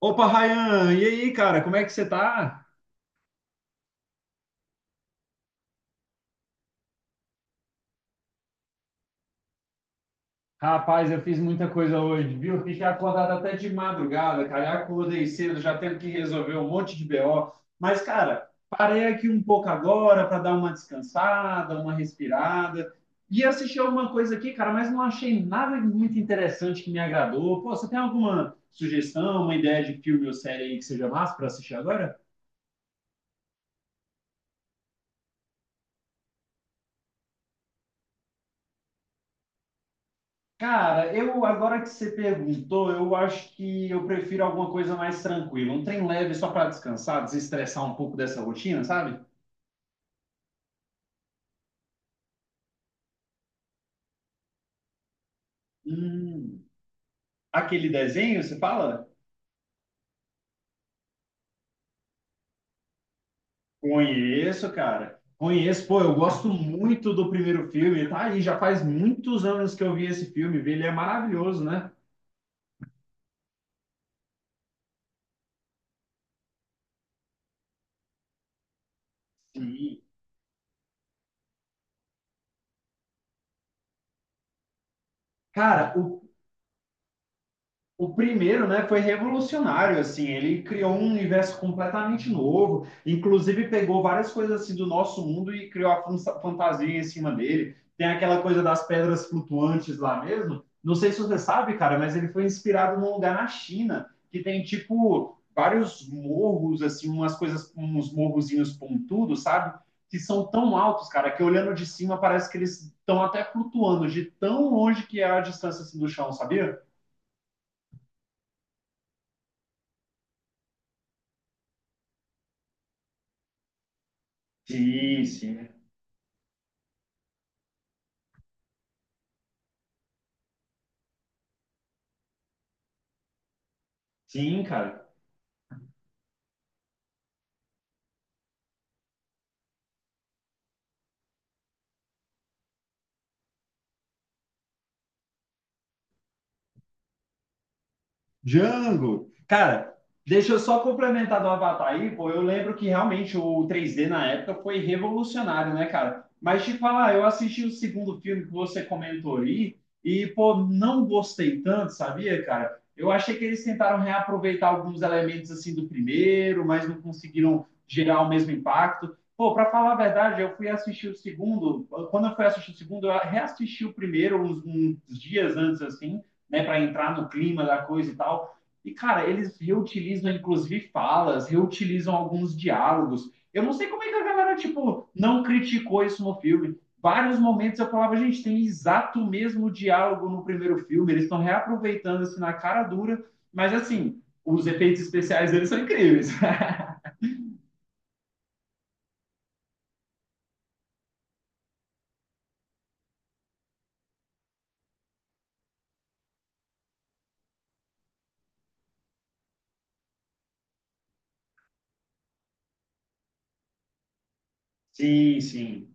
Opa, Rayan, e aí, cara, como é que você tá? Rapaz, eu fiz muita coisa hoje, viu? Fiquei acordado até de madrugada, cara. Eu acordei cedo, já tendo que resolver um monte de BO. Mas, cara, parei aqui um pouco agora para dar uma descansada, uma respirada. E assistir alguma coisa aqui, cara, mas não achei nada muito interessante que me agradou. Pô, você tem alguma sugestão, uma ideia de filme ou série aí que seja massa para assistir agora? Cara, eu agora que você perguntou, eu acho que eu prefiro alguma coisa mais tranquila, um trem leve só para descansar, desestressar um pouco dessa rotina, sabe? Hum, aquele desenho, você fala? Conheço, cara. Conheço, pô, eu gosto muito do primeiro filme, tá aí, já faz muitos anos que eu vi esse filme, vi, ele é maravilhoso, né? Sim. Cara, o O primeiro, né, foi revolucionário, assim, ele criou um universo completamente novo, inclusive pegou várias coisas assim do nosso mundo e criou a fantasia em cima dele. Tem aquela coisa das pedras flutuantes lá mesmo. Não sei se você sabe, cara, mas ele foi inspirado num lugar na China que tem tipo vários morros assim, umas coisas, uns morrozinhos pontudos, sabe? Que são tão altos, cara, que olhando de cima parece que eles estão até flutuando de tão longe que é a distância assim, do chão, sabia? Sim, sim. Sim, cara. Django. Cara, deixa eu só complementar do Avatar aí, pô. Eu lembro que realmente o 3D na época foi revolucionário, né, cara? Mas te falar, eu assisti o segundo filme que você comentou aí e, pô, não gostei tanto, sabia, cara? Eu achei que eles tentaram reaproveitar alguns elementos assim do primeiro, mas não conseguiram gerar o mesmo impacto. Pô, para falar a verdade, eu fui assistir o segundo. Quando eu fui assistir o segundo, eu reassisti o primeiro uns dias antes, assim né, para entrar no clima da coisa e tal. E, cara, eles reutilizam, inclusive, falas, reutilizam alguns diálogos. Eu não sei como é que a galera, tipo, não criticou isso no filme. Vários momentos eu falava, gente, tem exato o mesmo diálogo no primeiro filme, eles estão reaproveitando, assim, na cara dura, mas, assim, os efeitos especiais deles são incríveis. Sim, sim.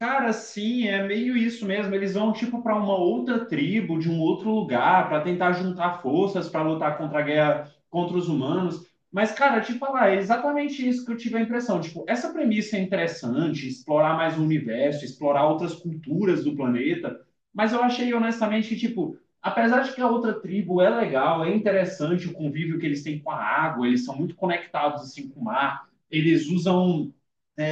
Cara, sim, é meio isso mesmo. Eles vão tipo para uma outra tribo, de um outro lugar, para tentar juntar forças para lutar contra a guerra contra os humanos. Mas, cara, te falar, é exatamente isso que eu tive a impressão. Tipo, essa premissa é interessante, explorar mais o universo, explorar outras culturas do planeta. Mas eu achei honestamente que, tipo, apesar de que a outra tribo é legal, é interessante o convívio que eles têm com a água, eles são muito conectados assim com o mar, eles usam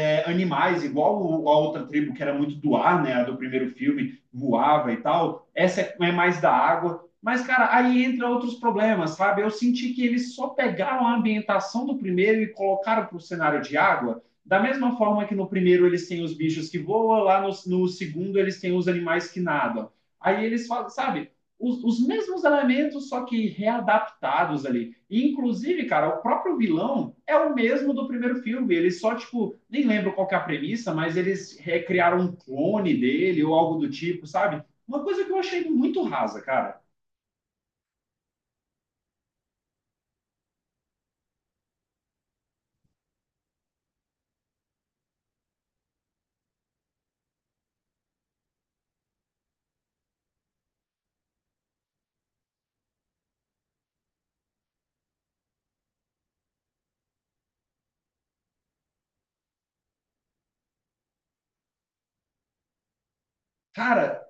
animais, igual a outra tribo que era muito do ar, né? A do primeiro filme voava e tal. Essa é, é mais da água. Mas, cara, aí entra outros problemas, sabe? Eu senti que eles só pegaram a ambientação do primeiro e colocaram para o cenário de água. Da mesma forma que no primeiro eles têm os bichos que voam, lá no segundo eles têm os animais que nadam. Aí eles falam, sabe? Os mesmos elementos, só que readaptados ali. E, inclusive, cara, o próprio vilão é o mesmo do primeiro filme. Eles só, tipo, nem lembro qual que é a premissa, mas eles recriaram um clone dele ou algo do tipo, sabe? Uma coisa que eu achei muito rasa, cara. Cara,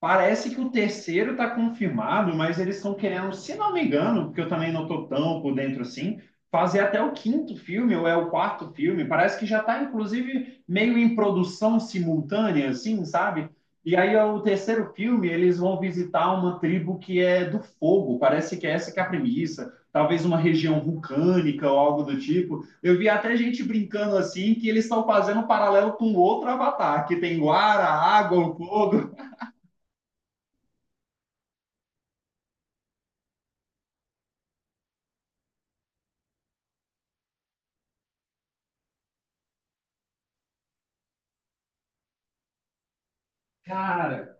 parece que o terceiro está confirmado, mas eles estão querendo, se não me engano, porque eu também não estou tão por dentro assim, fazer até o quinto filme, ou é o quarto filme. Parece que já está, inclusive, meio em produção simultânea, assim, sabe? E aí, é o terceiro filme, eles vão visitar uma tribo que é do fogo. Parece que é essa que é a premissa. Talvez uma região vulcânica ou algo do tipo. Eu vi até gente brincando assim que eles estão fazendo um paralelo com outro Avatar, que tem Guara, água, o fogo. Cara,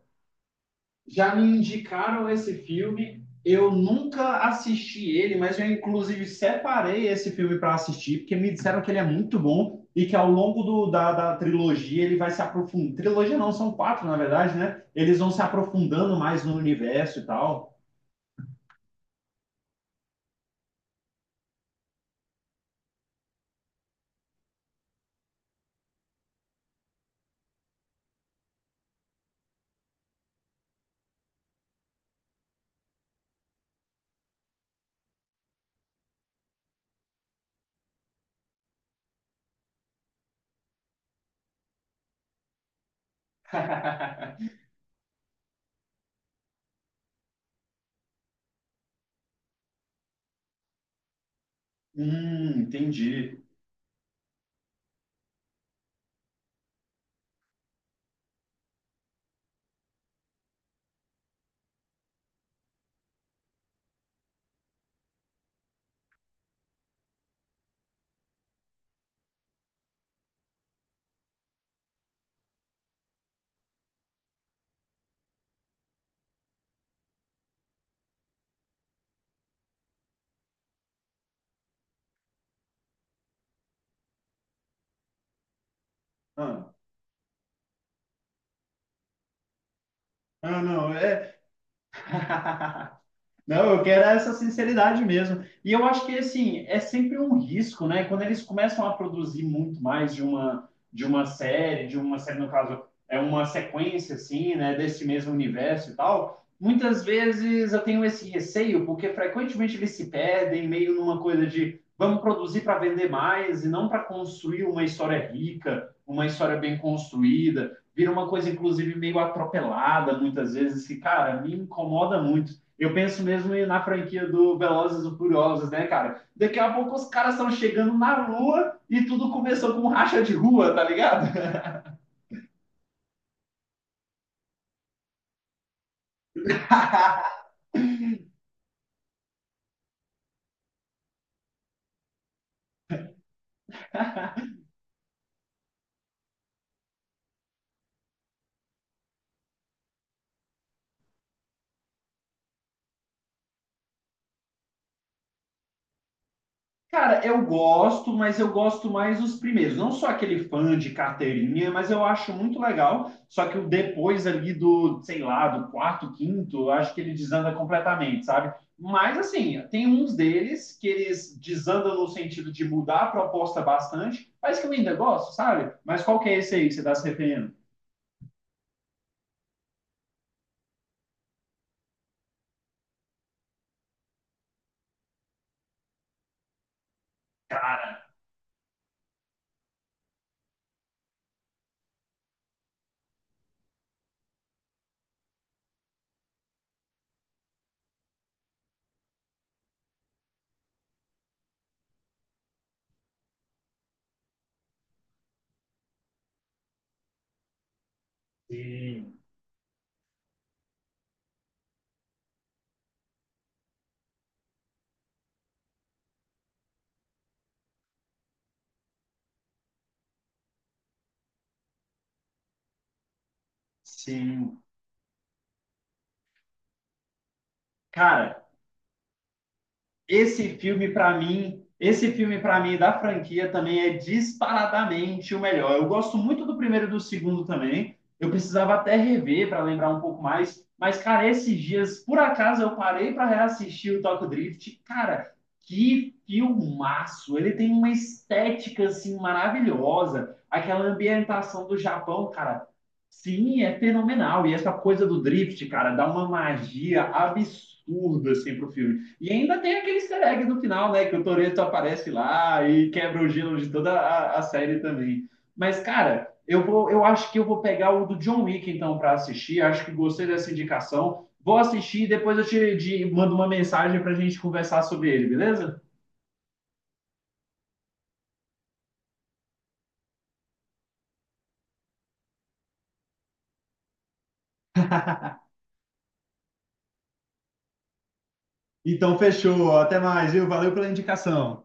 já me indicaram esse filme. Eu nunca assisti ele, mas eu inclusive separei esse filme para assistir, porque me disseram que ele é muito bom e que ao longo da, da trilogia ele vai se aprofundando. Trilogia não, são quatro, na verdade, né? Eles vão se aprofundando mais no universo e tal. Entendi. Ah, ah, não, é. Não, eu quero essa sinceridade mesmo. E eu acho que assim, é sempre um risco, né? Quando eles começam a produzir muito mais de uma série no caso, é uma sequência assim, né, desse mesmo universo e tal, muitas vezes eu tenho esse receio, porque frequentemente eles se perdem meio numa coisa de vamos produzir para vender mais e não para construir uma história rica, uma história bem construída. Vira uma coisa, inclusive, meio atropelada, muitas vezes, que, cara, me incomoda muito. Eu penso mesmo na franquia do Velozes e Furiosos, né, cara? Daqui a pouco os caras estão chegando na lua e tudo começou com racha de rua, tá ligado? Cara, eu gosto, mas eu gosto mais os primeiros. Não sou aquele fã de carteirinha, mas eu acho muito legal. Só que o depois ali do, sei lá, do quarto, quinto, eu acho que ele desanda completamente, sabe? Mas, assim, tem uns deles que eles desandam no sentido de mudar a proposta bastante, mas que eu ainda gosto, sabe? Mas qual que é esse aí que você está se referindo? Cara, sim, sim. Cara, esse filme para mim, esse filme para mim da franquia também é disparadamente o melhor. Eu gosto muito do primeiro e do segundo também. Eu precisava até rever para lembrar um pouco mais, mas cara, esses dias por acaso eu parei para reassistir o Tokyo Drift. Cara, que filmaço! Ele tem uma estética assim maravilhosa, aquela ambientação do Japão, cara. Sim, é fenomenal. E essa coisa do drift, cara, dá uma magia absurda assim pro filme. E ainda tem aquele easter egg no final, né? Que o Toreto aparece lá e quebra o gelo de toda a série também. Mas, cara, eu acho que eu vou pegar o do John Wick então para assistir. Acho que gostei dessa indicação. Vou assistir e depois eu te mando uma mensagem para a gente conversar sobre ele, beleza? Então fechou, até mais, viu? Valeu pela indicação.